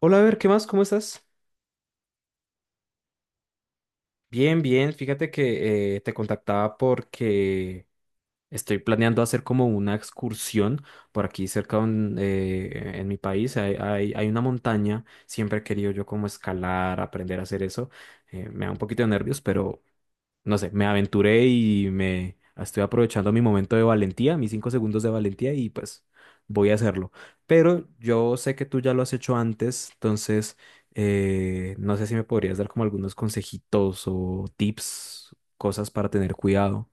Hola, a ver, ¿qué más? ¿Cómo estás? Bien, bien. Fíjate que te contactaba porque estoy planeando hacer como una excursión por aquí cerca en mi país. Hay una montaña. Siempre he querido yo como escalar, aprender a hacer eso. Me da un poquito de nervios, pero no sé, me aventuré y me estoy aprovechando mi momento de valentía, mis 5 segundos de valentía y pues voy a hacerlo. Pero yo sé que tú ya lo has hecho antes, entonces no sé si me podrías dar como algunos consejitos o tips, cosas para tener cuidado.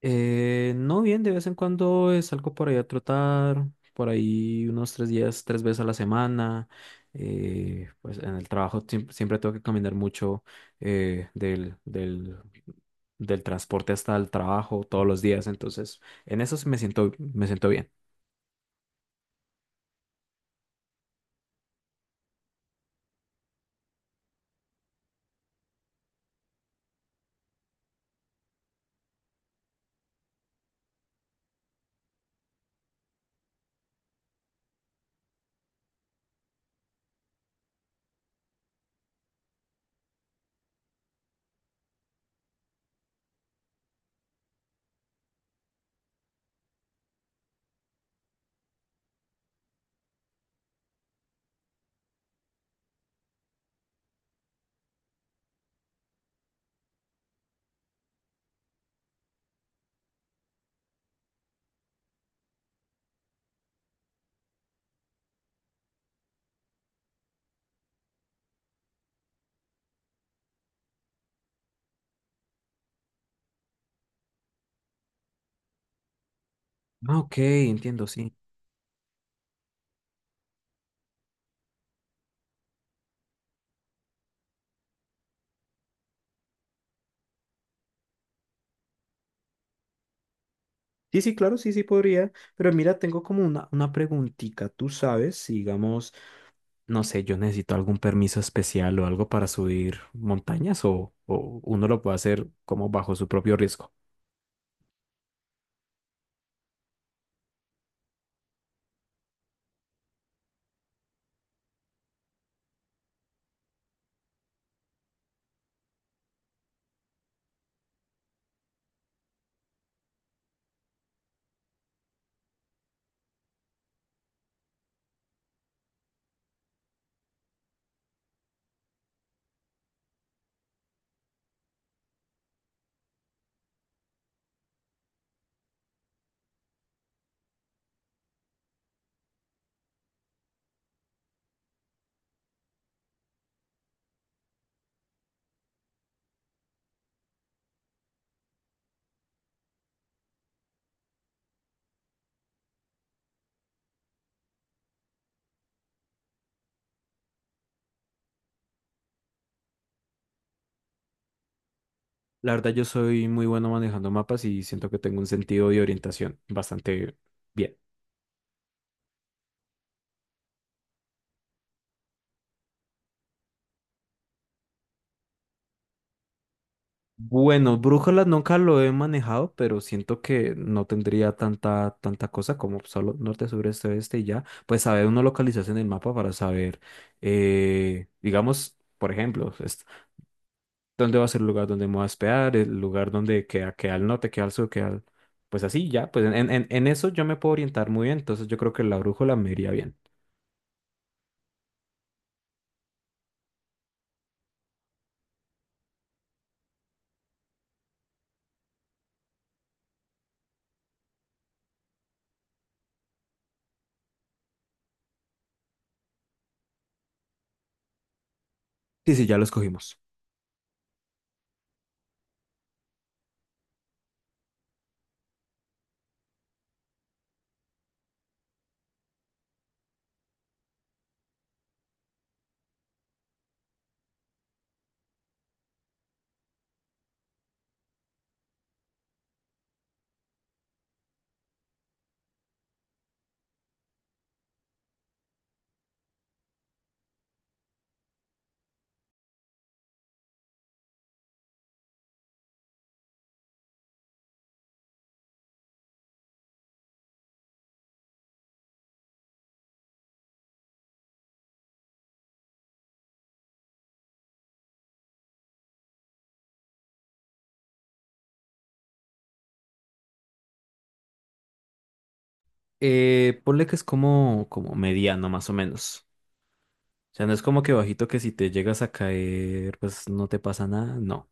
No bien, de vez en cuando salgo por ahí a trotar, por ahí unos 3 días, 3 veces a la semana. Pues en el trabajo siempre tengo que caminar mucho, del, del transporte hasta el trabajo todos los días, entonces en eso sí me siento bien. Ah, ok, entiendo, sí. Sí, sí, claro, sí, sí podría, pero mira, tengo como una preguntita, tú sabes, si digamos... No sé, yo necesito algún permiso especial o algo para subir montañas o uno lo puede hacer como bajo su propio riesgo. La verdad, yo soy muy bueno manejando mapas y siento que tengo un sentido de orientación bastante bien. Bueno, brújula nunca lo he manejado, pero siento que no tendría tanta cosa como solo norte, sur, este, oeste y ya. Pues saber uno localizarse en el mapa para saber, digamos, por ejemplo, dónde va a ser el lugar donde me voy a hospedar, el lugar donde queda, queda al norte, queda al sur, queda al... Pues así, ya, pues en, en eso yo me puedo orientar muy bien, entonces yo creo que la brújula me iría bien. Sí, sí, ya lo escogimos. Ponle que es como, como mediano más o menos. O sea, no es como que bajito que si te llegas a caer, pues no te pasa nada. No.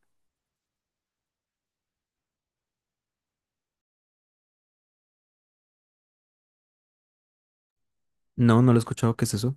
No, no lo he escuchado. ¿Qué es eso?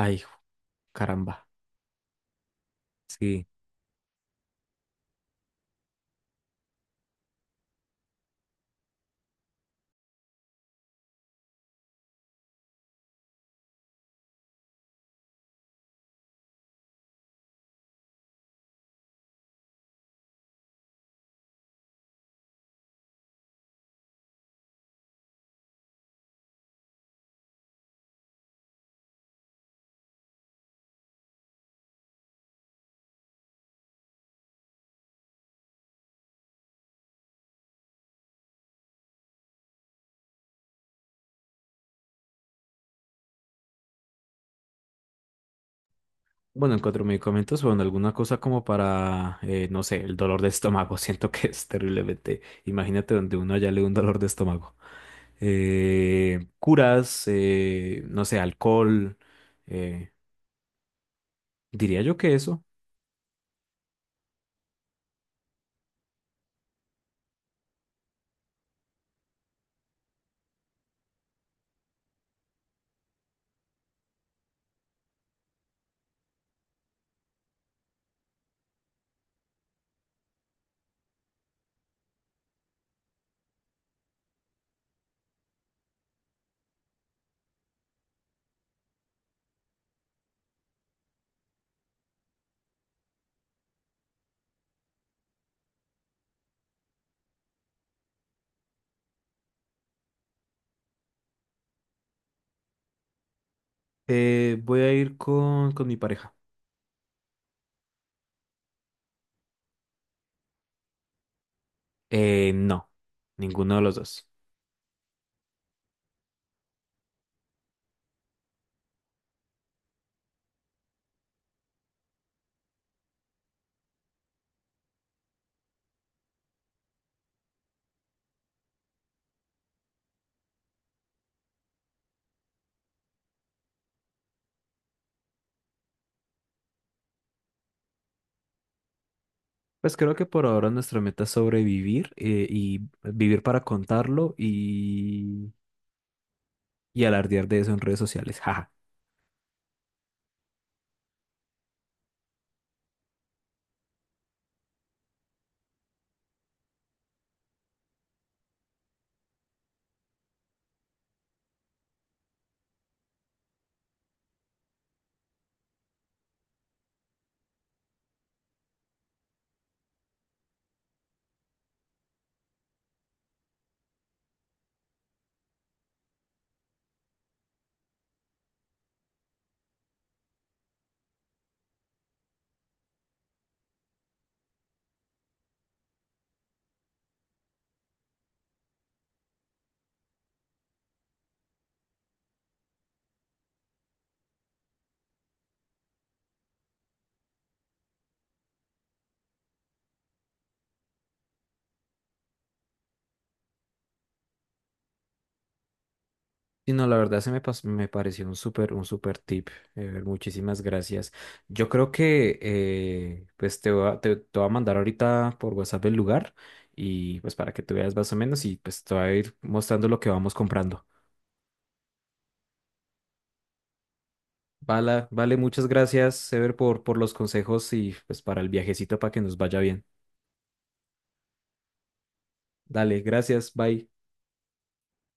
Ay, caramba. Sí. Bueno, en cuatro medicamentos, bueno, alguna cosa como para, no sé, el dolor de estómago. Siento que es terriblemente. Imagínate donde uno ya le da un dolor de estómago. Curas, no sé, alcohol. eh, Diría yo que eso. Voy a ir con mi pareja. No, ninguno de los dos. Pues creo que por ahora nuestra meta es sobrevivir, y vivir para contarlo y alardear de eso en redes sociales. Jaja. Y no, la verdad se me, me pareció un súper tip. Muchísimas gracias. Yo creo que pues te voy a mandar ahorita por WhatsApp el lugar y pues para que tú veas más o menos y pues te voy a ir mostrando lo que vamos comprando. Vale, vale, muchas gracias, Sever, por los consejos y pues para el viajecito para que nos vaya bien. Dale, gracias, bye.